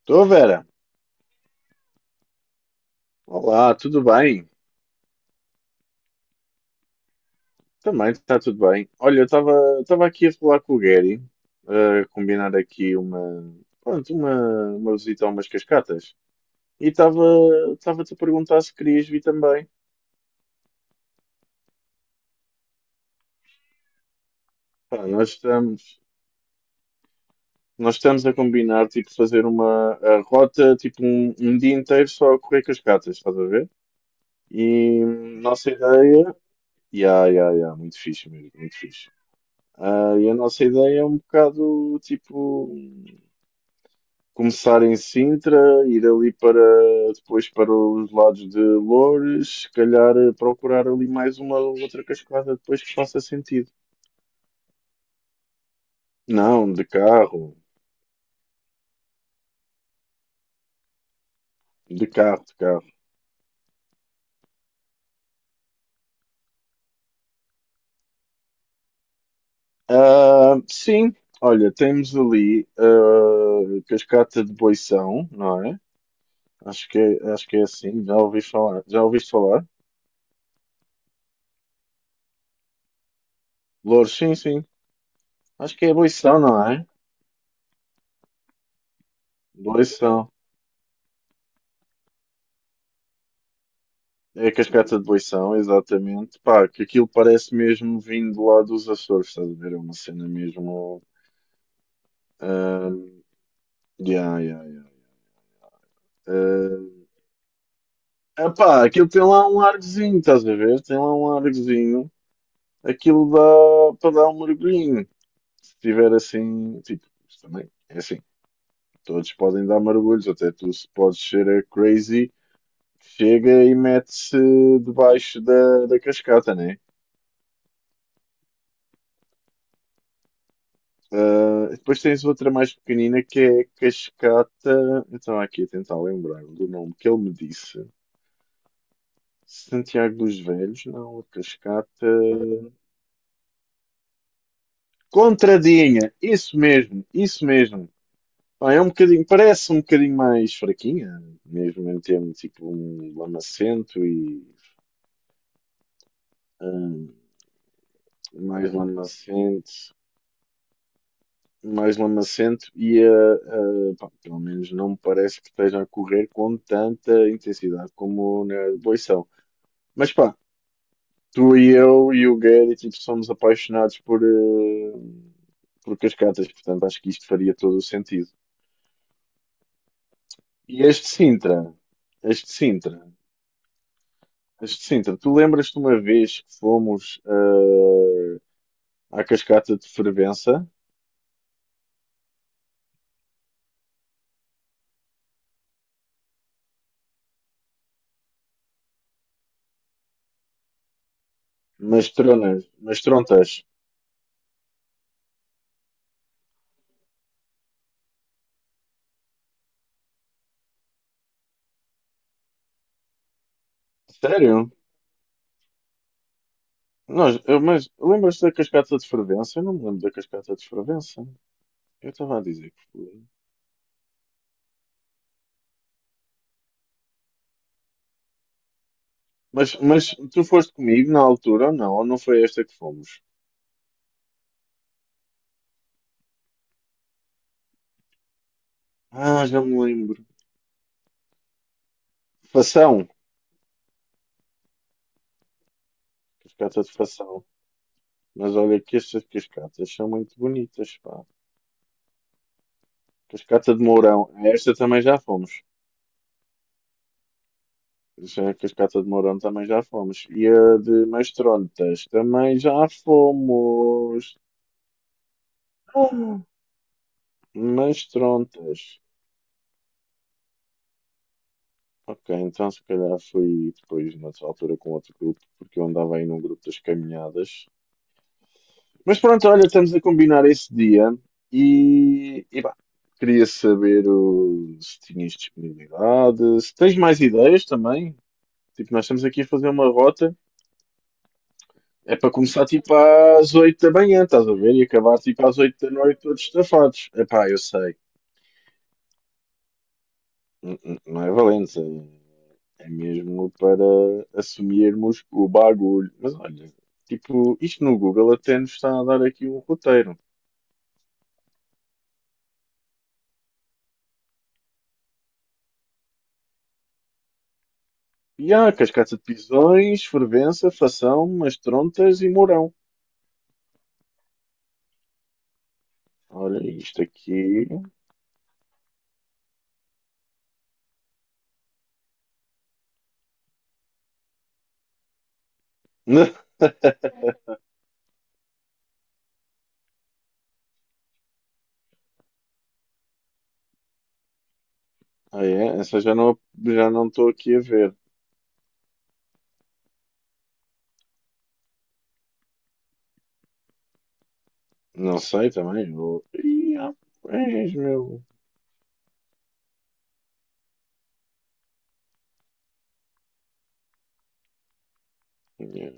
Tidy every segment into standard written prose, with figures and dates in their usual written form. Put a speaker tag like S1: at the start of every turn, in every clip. S1: Estou, Vera. Olá, tudo bem? Também está tudo bem. Olha, eu estava aqui a falar com o Gary, a combinar aqui uma, pronto, uma visita a umas cascatas. E estava-te a perguntar se querias vir também. Pá, nós estamos a combinar, tipo, fazer uma a rota, tipo, um dia inteiro só a correr cascatas, estás a ver? E nossa ideia... Ya, ya, ya, muito fixe mesmo, muito fixe. Ah, e a nossa ideia é um bocado, tipo... Começar em Sintra, ir ali para depois para os lados de Loures, se calhar procurar ali mais uma ou outra cascada depois que faça sentido. Não, de carro, de carro, de carro. Ah, sim, olha, temos ali a Cascata de Boição, não é? Acho que é, acho que é assim, já ouvi falar. Já ouviste falar? Loures, sim, sim. Acho que é Boição, não é? Boição. É a cascata de Boição, exatamente. Pá, que aquilo parece mesmo vindo lá dos Açores, estás a ver? É uma cena mesmo. ahm, yeah, yeah, yeah. Ah, pá, aquilo tem lá um argozinho, estás a ver? Tem lá um argozinho. Aquilo dá para dar um mergulhinho. Se tiver assim, tipo, isto também é assim. Todos podem dar mergulhos, até tu se podes ser a crazy, chega e mete-se debaixo da cascata, né? Ah, depois tens outra mais pequenina que é Cascata. Eu estava aqui a tentar lembrar-me do nome que ele me disse. Santiago dos Velhos, não, a Cascata. Contradinha, isso mesmo, isso mesmo. Pá, é um bocadinho, parece um bocadinho mais fraquinha, mesmo em termos tipo um lamacento e mais lamacento, mais lamacento e a, pá, pelo menos não me parece que esteja a correr com tanta intensidade como na Boição. Mas pá, tu e eu e o Gary tipo, somos apaixonados por, por cascatas, portanto acho que isto faria todo o sentido. E este Sintra, este Sintra, tu lembras-te uma vez que fomos à cascata de Fervença, mas tronas, mas trontas, sério? Mas lembras-te da cascata de Fervença? Eu não me lembro da cascata de Fervença. Eu estava a dizer que fui. Mas tu foste comigo na altura ou não? Ou não foi esta que fomos? Ah, já me lembro. Satisfação. Cascata de Fação. Mas olha que estas cascatas são muito bonitas, pá. Cascata de Mourão. A Esta também já fomos. Já A cascata de Mourão também já fomos. E a de Mastrontas também já fomos. Mastrontas. Ok, então se calhar fui depois, nessa altura, com outro grupo, porque eu andava aí num grupo das caminhadas. Mas pronto, olha, estamos a combinar esse dia e pá, queria saber o- se tinhas disponibilidade, se tens mais ideias também. Tipo, nós estamos aqui a fazer uma rota, é para começar tipo às 8 da manhã, estás a ver? E acabar tipo às 8 da noite todos estafados. Epá, eu sei, não é valente, é é mesmo para assumirmos o bagulho. Mas olha, tipo, isto no Google até nos está a dar aqui um roteiro. Ya, cascata de pisões, fervença, fação, umas trontas e mourão. Olha, isto aqui. Ah, é? Essa já não estou aqui a ver. Não sei também. Eu... pois, meu. Tinha,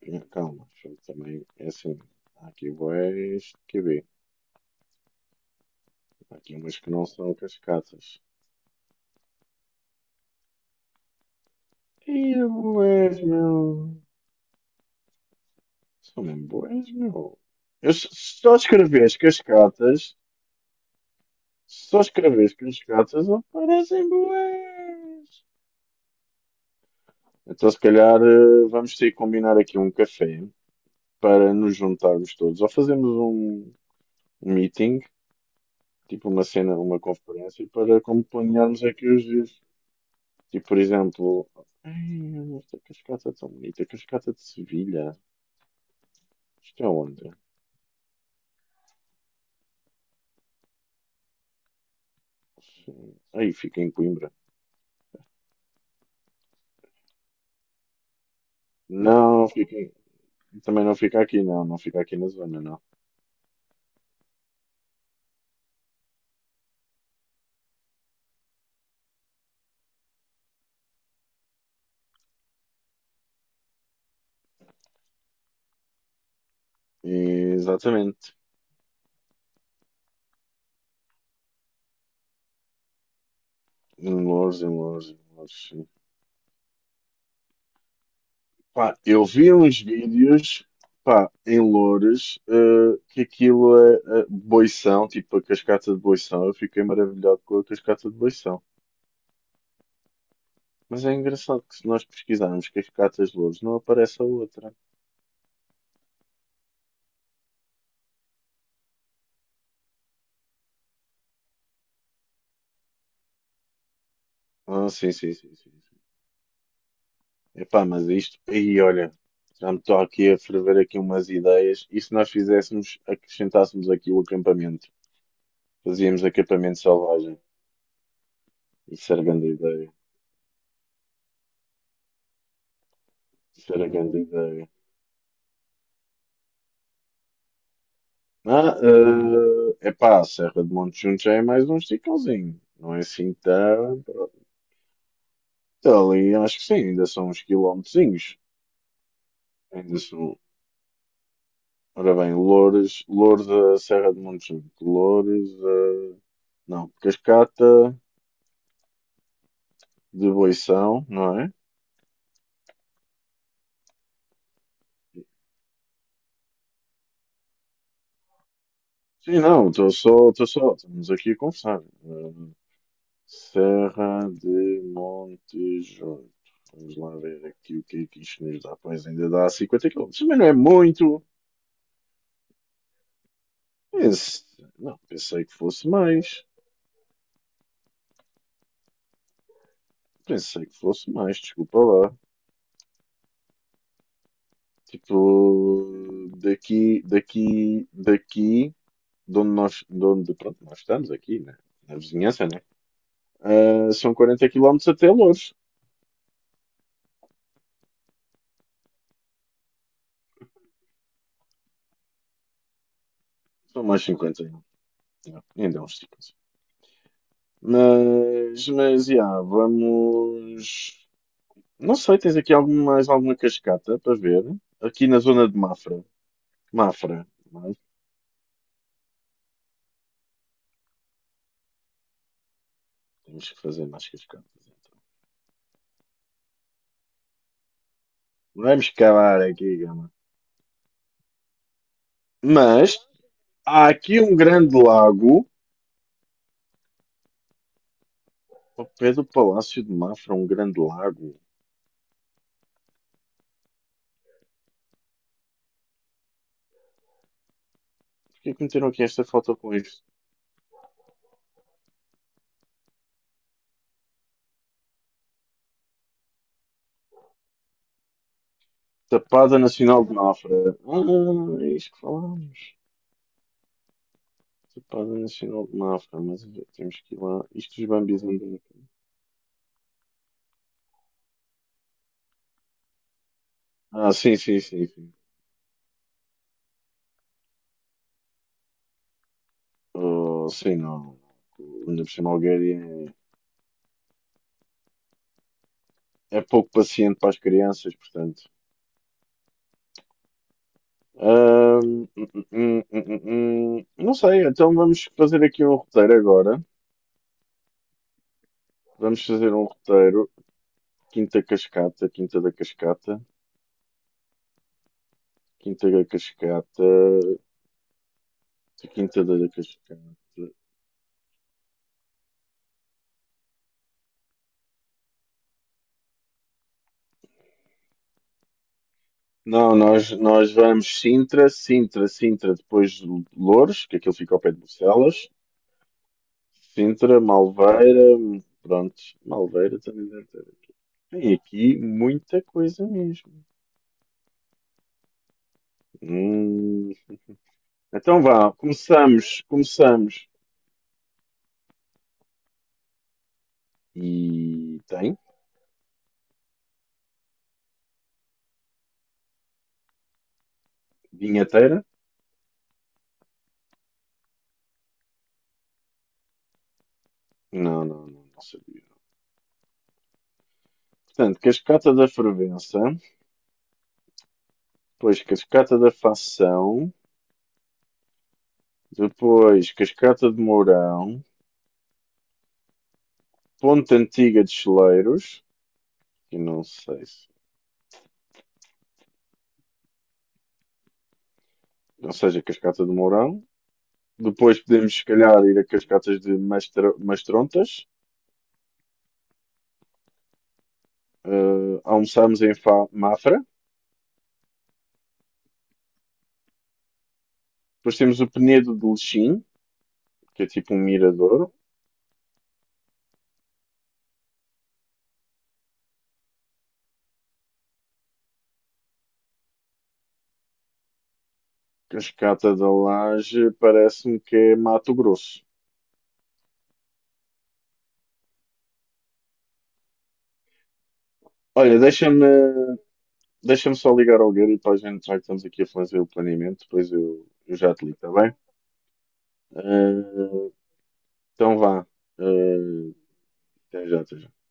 S1: tinha calma. Deixa eu. Também é assim. Há aqui boés que vê. Há aqui umas que não são cascatas. Ih, boés, meu. São mesmo boés, meu. Eu s- só escrevi as cascatas só escreves que os gatos aparecem bués. Então, se calhar, vamos ter que combinar aqui um café para nos juntarmos todos. Ou fazemos um meeting, tipo uma cena, uma conferência, para como planearmos aqui os dias. Tipo, por exemplo, "Ei, esta cascata é tão bonita, cascata de Sevilha. Isto é onde? Aí fica em Coimbra. Não, fica em- também não fica aqui, não, não fica aqui na zona, não. Exatamente. Em Loures, em Loures, em Loures. Pá, eu vi uns vídeos, pá, em Loures, que aquilo é, boição, tipo a cascata de boição. Eu fiquei maravilhado com a cascata de boição. Mas é engraçado que se nós pesquisarmos cascatas de Loures, não aparece a outra. Ah, sim, sim, sim, sim, sim. Epá, mas isto, aí olha, já me estou aqui a ferver aqui umas ideias. E se nós fizéssemos, acrescentássemos aqui o acampamento? Fazíamos acampamento selvagem. Isso era grande ideia. Isso era grande ideia. Epá, a Serra de Montejuntos já é mais um esticãozinho. Não é assim tão. Então, ali acho que sim, ainda são uns quilómetrozinhos. Ainda são. Ora bem, Loures, Loures a Serra de Montejuntos. Loures a. Não, Cascata de Boição, não é? Sim, não, estou só, estou só. Estamos aqui a conversar. Serra de Montejuntos. Vamos lá ver aqui o que é que isto nos dá. Pois ainda dá 50 quilómetros. Mas não é muito. Pense- Não, pensei que fosse mais. Pensei que fosse mais, desculpa lá. Tipo, daqui, daqui, daqui, de onde nós, de onde, pronto, nós estamos aqui, né? Na vizinhança, né? Ah, são 40 quilómetros até Loures. São mais 50 ainda. Yeah, ainda é uns 50. Yeah, vamos. Não sei, tens aqui algum, mais alguma cascata para ver? Aqui na zona de Mafra. Mafra. Mas temos que fazer mais cascatas. Vamos cavar aqui, Gama. Mas há aqui um grande lago. Ao pé do Palácio de Mafra, um grande lago. Por que é que meteram aqui esta foto com isto? Tapada Nacional de Mafra. Ah, é isto que falámos. Tapada Nacional de Mafra, mas temos que ir lá. Isto dos Bambis andam aqui. Ah, sim, sim, sim, sim. Oh, sim, não. Ainda por cima, Algueria é pouco paciente para as crianças, portanto. Não sei, então vamos fazer aqui um roteiro agora. Vamos fazer um roteiro. Quinta Cascata, Quinta da Cascata, Quinta da Cascata, Quinta da Cascata. Não, nós vamos Sintra, Sintra, Sintra, depois de Loures, que aquilo fica ao pé de Bucelas. Sintra, Malveira, pronto, Malveira também deve ter. Tem aqui muita coisa mesmo. Hum. Então vá, começamos, começamos. E tem? Vinheteira? Não, não, não, não sabia. Portanto, cascata da fervença, depois cascata da Fação, depois cascata de Mourão, ponte antiga de Cheleiros, que não sei se. Não seja cascata de Mourão. Depois podemos, se calhar, ir a cascatas de Mastrontas. Eh, almoçamos em Mafra. Depois temos o Penedo de Lechim, que é tipo um mirador. Cascata da Laje parece-me que é Mato Grosso. Olha, deixa-me só ligar ao Gary para a gente, já que estamos aqui a fazer o planeamento, depois eu já te ligo, está bem? Eh, então vá. Eh, até já, até já.